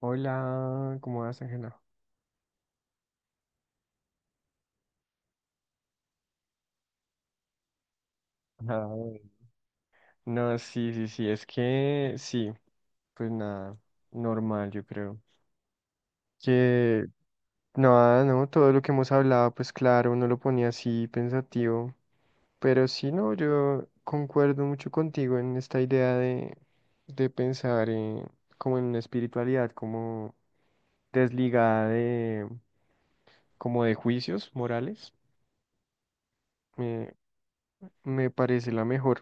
Hola, ¿cómo vas, Ángela? Ay, no, sí, sí, sí, es que sí, pues nada, normal, yo creo. Que Nada, no, todo lo que hemos hablado, pues claro, uno lo ponía así pensativo, pero sí, no, yo concuerdo mucho contigo en esta idea de, pensar en, como en una espiritualidad, como desligada de, como de juicios morales, me, me parece la mejor.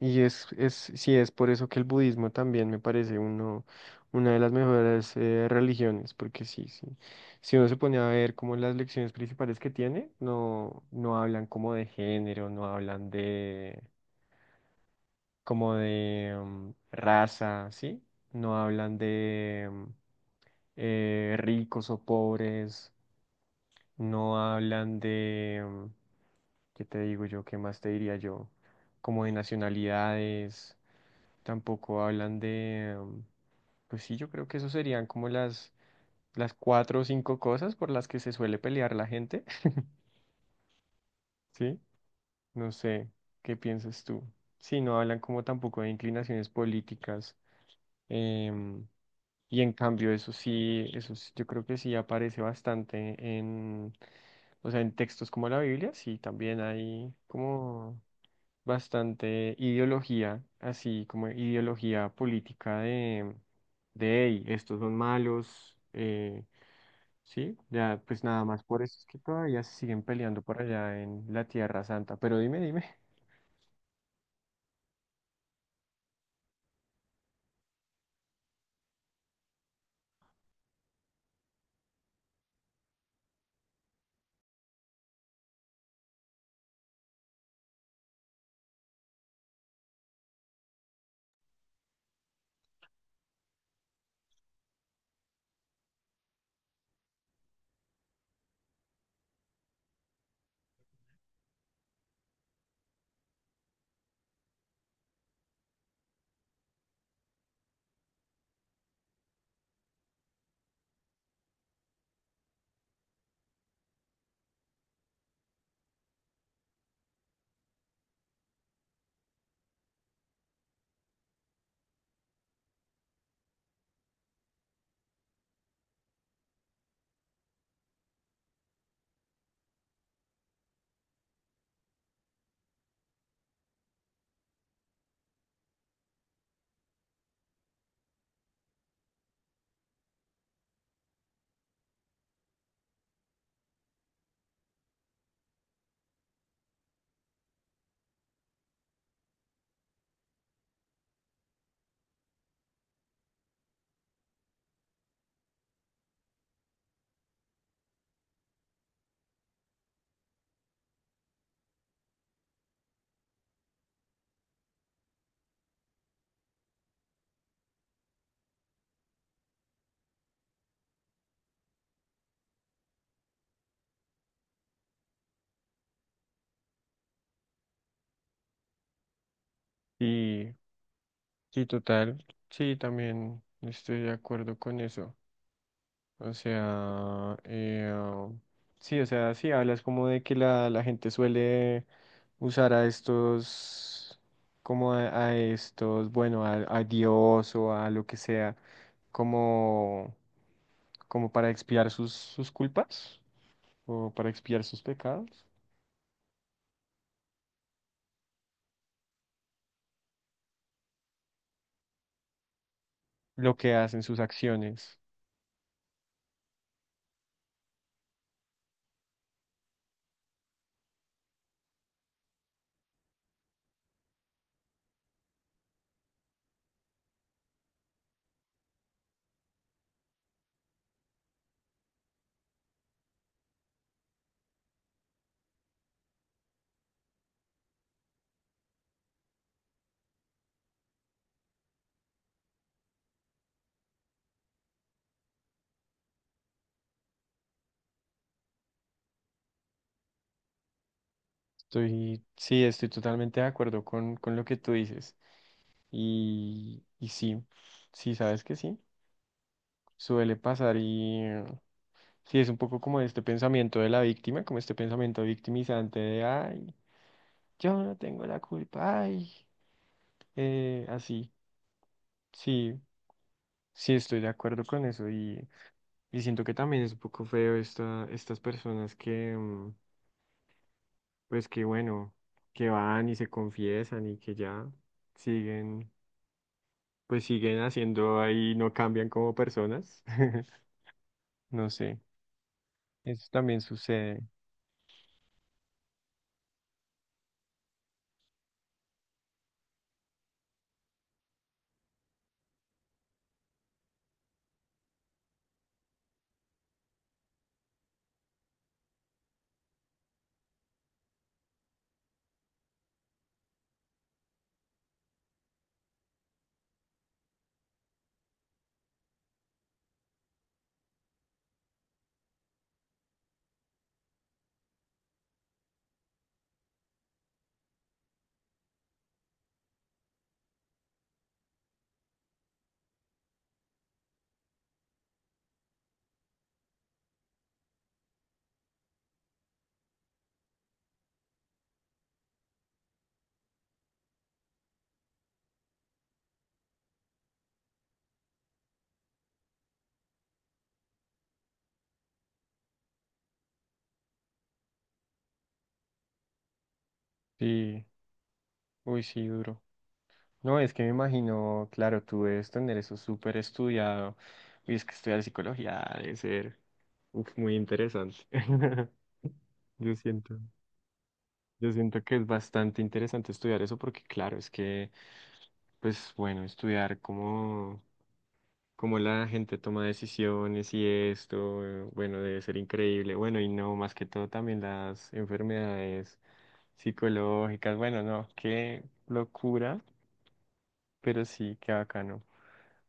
Y sí, es por eso que el budismo también me parece una de las mejores religiones, porque sí, sí. Si uno se pone a ver como las lecciones principales que tiene, no, no hablan como de género, no hablan de, como de raza, ¿sí? No hablan de ricos o pobres, no hablan de, ¿qué te digo yo? ¿Qué más te diría yo? Como de nacionalidades, tampoco hablan de... pues sí, yo creo que eso serían como las cuatro o cinco cosas por las que se suele pelear la gente, ¿sí? No sé, ¿qué piensas tú? Sí, no hablan como tampoco de inclinaciones políticas. em, y en cambio, eso sí, yo creo que sí aparece bastante en, o sea, en textos como la Biblia, sí, también hay como bastante ideología, así como ideología política de, hey, estos son malos. Sí, ya pues nada más por eso es que todavía se siguen peleando por allá en la Tierra Santa. Pero dime, dime. Y sí, total, sí, también estoy de acuerdo con eso. O sea, sí, o sea, sí, hablas como de que la gente suele usar a estos, como a estos, bueno, a Dios o a lo que sea, como, como para expiar sus culpas o para expiar sus pecados. Lo que hacen, sus acciones. Estoy, sí, estoy totalmente de acuerdo con lo que tú dices. Y sí, sí, sabes que sí, suele pasar y sí, es un poco como este pensamiento de la víctima, como este pensamiento victimizante de, ay, yo no tengo la culpa, ay, así. Sí, sí, estoy de acuerdo con eso y, siento que también es un poco feo estas personas que... pues que bueno, que van y se confiesan y que ya siguen, pues siguen haciendo ahí, no cambian como personas. No sé, eso también sucede. Sí, uy, sí, duro. No, es que me imagino, claro, tú debes tener eso súper estudiado. Y es que estudiar psicología debe ser uf, muy interesante. Yo siento, yo siento que es bastante interesante estudiar eso porque, claro, es que, pues bueno, estudiar como cómo la gente toma decisiones y esto, bueno, debe ser increíble. Bueno, y no, más que todo también las enfermedades psicológicas. Bueno, no, qué locura, pero sí, qué bacano.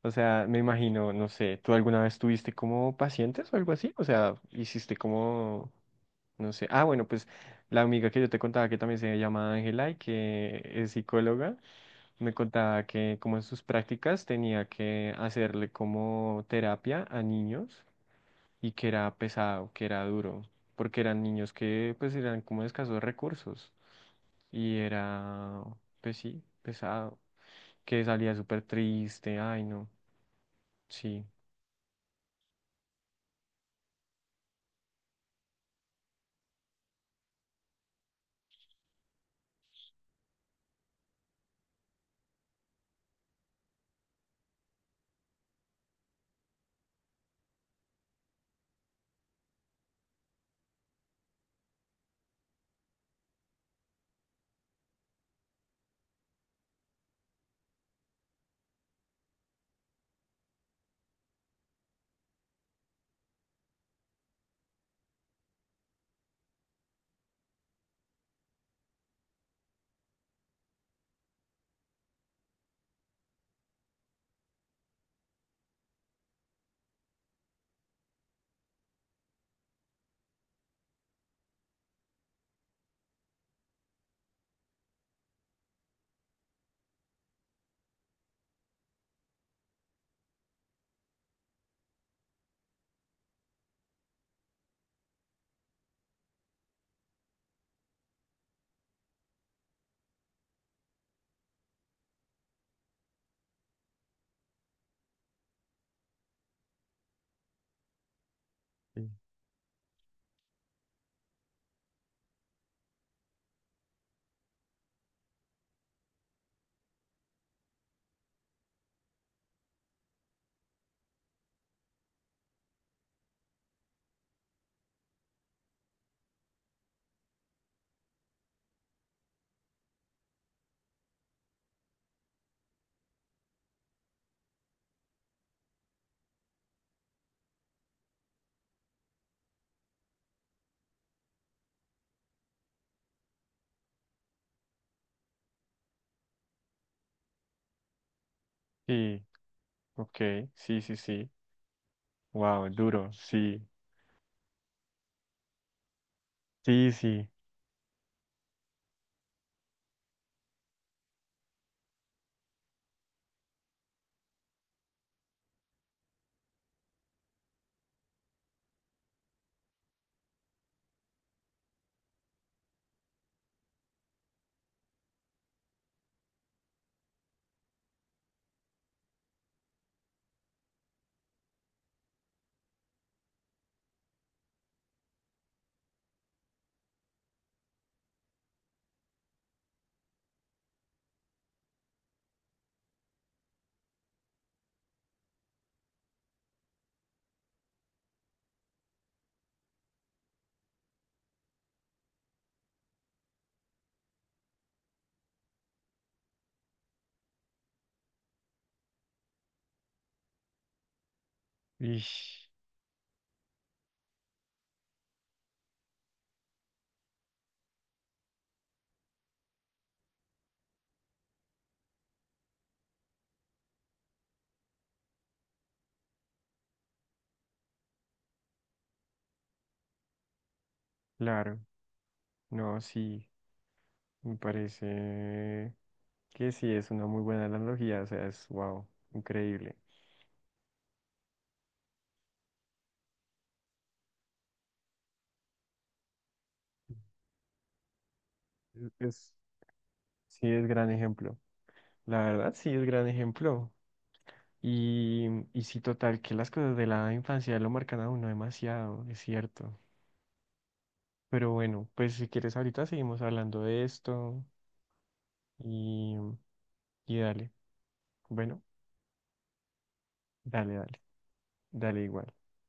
O sea, me imagino, no sé, ¿tú alguna vez tuviste como pacientes o algo así? O sea, hiciste como, no sé. Ah, bueno, pues la amiga que yo te contaba que también se llama Ángela y que es psicóloga. Me contaba que como en sus prácticas tenía que hacerle como terapia a niños y que era pesado, que era duro, porque eran niños que pues eran como de escasos recursos y era, pues sí, pesado, que salía súper triste, ay no, sí, sí, sí, ok, sí, sí, sí, wow, duro, sí, sí, sí, ish, claro, no, sí, me parece... Que sí, es una muy buena analogía, o sea, es wow, increíble. Es, es- sí, es gran ejemplo. La verdad, sí, es gran ejemplo. Y, y sí, total, que las cosas de la infancia lo marcan a uno demasiado, es cierto. Pero bueno, pues si quieres, ahorita seguimos hablando de esto y, dale. Bueno, dale, dale, dale igual.